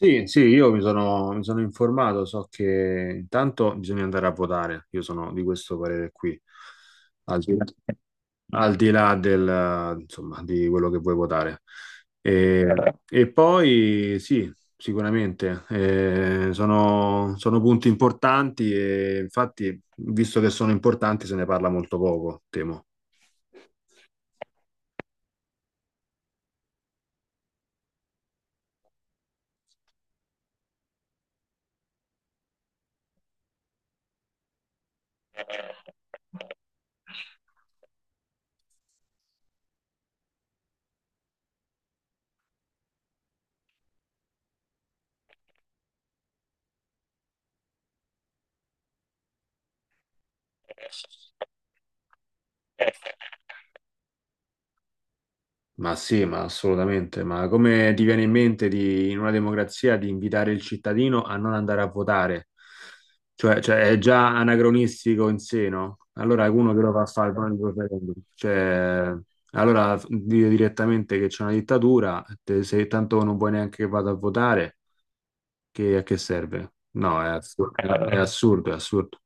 Sì, sì, io mi sono informato, so che intanto bisogna andare a votare. Io sono di questo parere qui, al di là, al di là del, insomma, di quello che vuoi votare. E, e poi sì, sicuramente, sono punti importanti e infatti, visto che sono importanti, se ne parla molto poco, temo. Ma sì, ma assolutamente. Ma come ti viene in mente, di, in una democrazia, di invitare il cittadino a non andare a votare? Cioè, è già anacronistico in sé, no? Allora uno che lo fa fare il referendum. Cioè, allora dire direttamente che c'è una dittatura, se tanto non vuoi neanche che vada a votare, che, a che serve? No, è assurdo, è assurdo, è assurdo.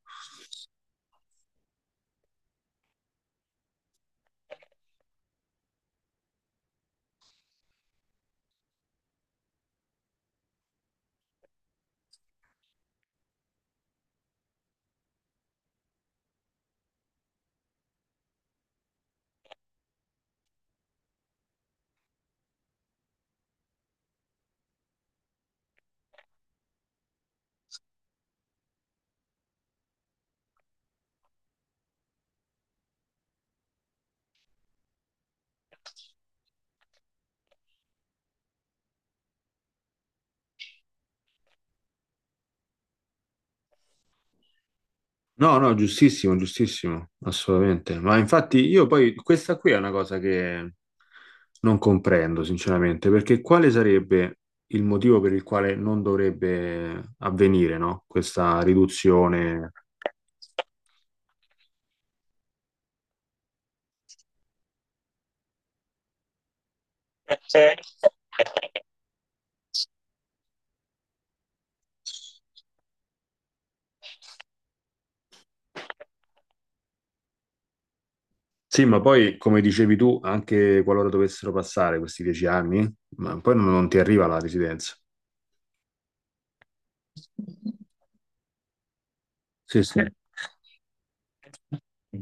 No, no, giustissimo, giustissimo, assolutamente. Ma infatti io poi, questa qui è una cosa che non comprendo, sinceramente, perché quale sarebbe il motivo per il quale non dovrebbe avvenire, no? Questa riduzione. Eh, Sì, ma poi, come dicevi tu, anche qualora dovessero passare questi 10 anni, ma poi non ti arriva la residenza. Sì, sì.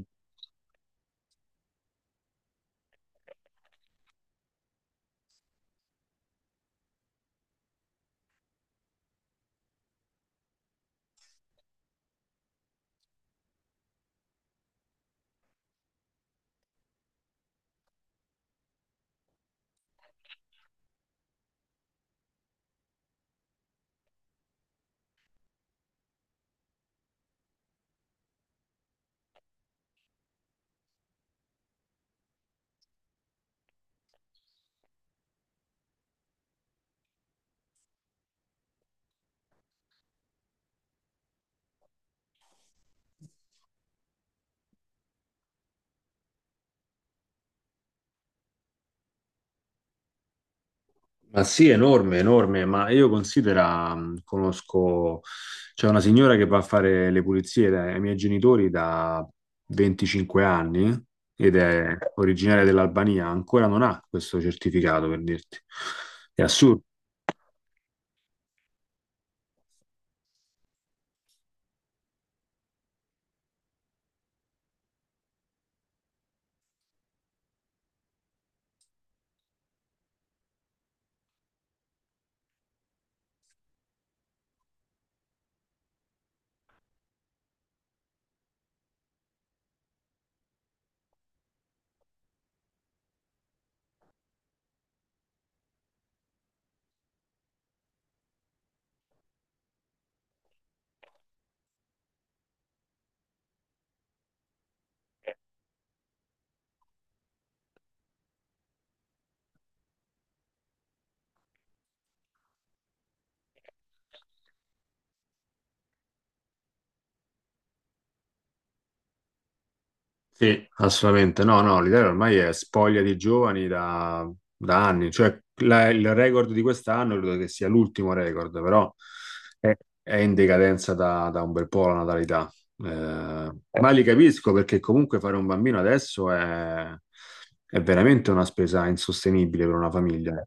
Ma sì, enorme, enorme, ma io considera, conosco, c'è una signora che va a fare le pulizie ai miei genitori da 25 anni ed è originaria dell'Albania, ancora non ha questo certificato per dirti. È assurdo. Sì, assolutamente. No, no, l'Italia ormai è spoglia di giovani da, da anni. Cioè, la- il record di quest'anno credo che sia l'ultimo record, però è, è in decadenza da un bel po' la natalità. Ma li capisco perché comunque fare un bambino adesso è veramente una spesa insostenibile per una famiglia.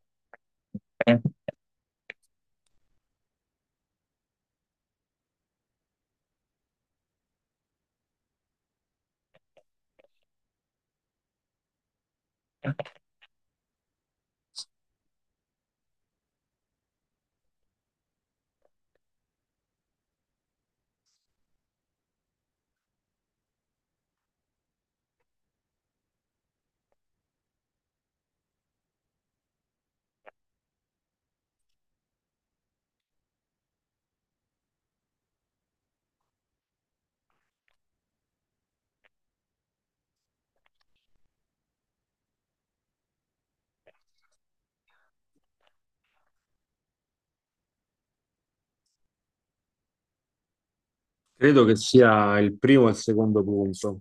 Credo che sia il primo e il secondo punto.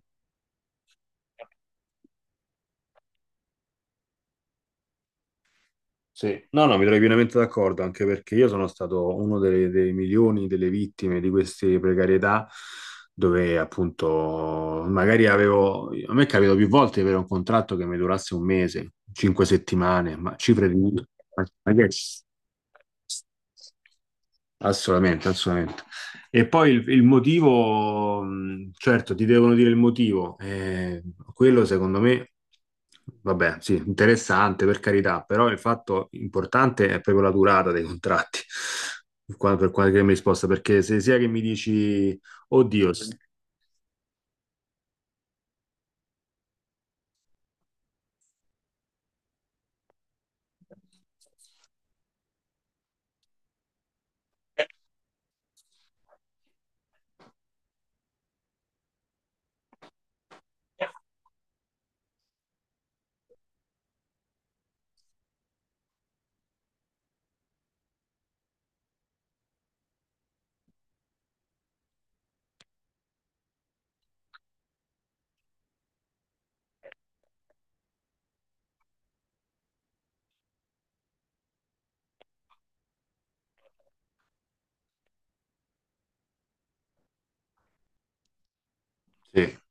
Sì, no, no, mi trovi pienamente d'accordo, anche perché io sono stato uno dei milioni delle vittime di queste precarietà, dove appunto magari avevo, a me è capitato più volte di avere un contratto che mi durasse un mese, 5 settimane, ma cifre di... ma che- Assolutamente, assolutamente. E poi il motivo, certo, ti devono dire il motivo. Quello secondo me, vabbè, sì, interessante per carità, però il fatto importante è proprio la durata dei contratti, per qualche mi risposta, perché se sia che mi dici, oddio, sì,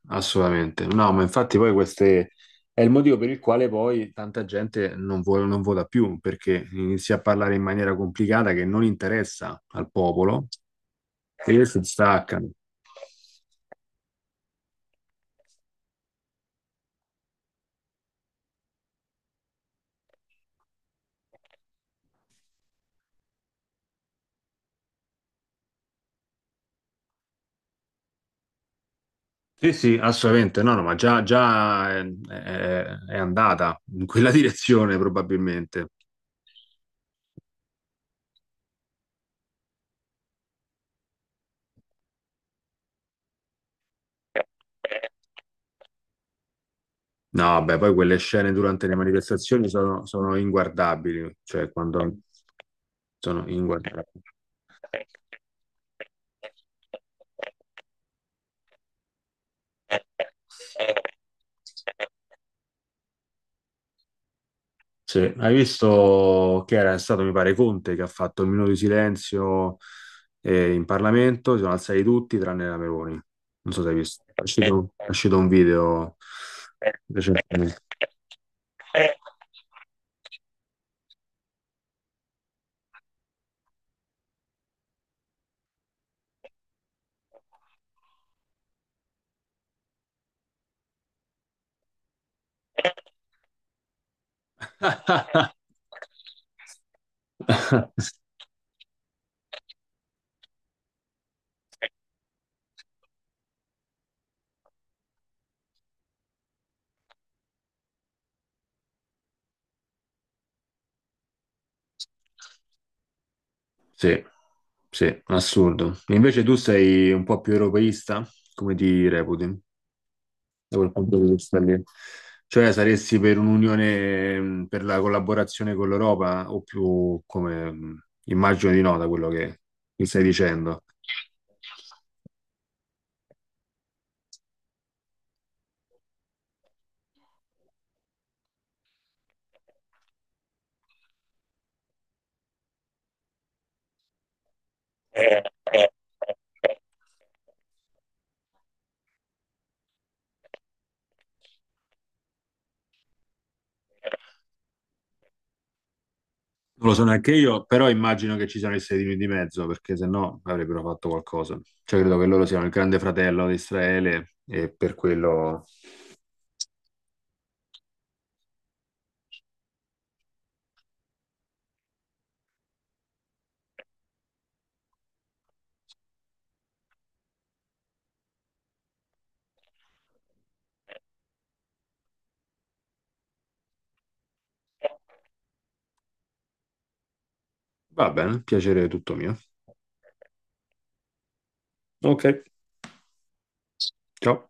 assolutamente. No, ma infatti poi queste... È il motivo per il quale poi tanta gente non vota più, perché inizia a parlare in maniera complicata che non interessa al popolo e si staccano. Sì, sì, assolutamente, no, no, ma già è andata in quella direzione probabilmente. No, beh, poi quelle scene durante le manifestazioni sono inguardabili, cioè quando sono inguardabili. Sì, hai visto che era stato, mi pare, Conte che ha fatto un minuto di silenzio in Parlamento, si sono alzati tutti tranne la Meloni. Non so se hai visto. È uscito un video recentemente. Sì, sì, assurdo. Invece tu sei un po' più europeista? Come ti reputi? Da quel punto di vista lì. Cioè, saresti per un'unione, per la collaborazione con l'Europa, o più come, immagino di no, da quello che mi stai dicendo. Non lo so neanche io, però immagino che ci siano gli Stati Uniti di mezzo, perché se no avrebbero fatto qualcosa. Cioè, credo che loro siano il grande fratello di Israele e per quello... Va bene, piacere tutto mio. Ok, ciao.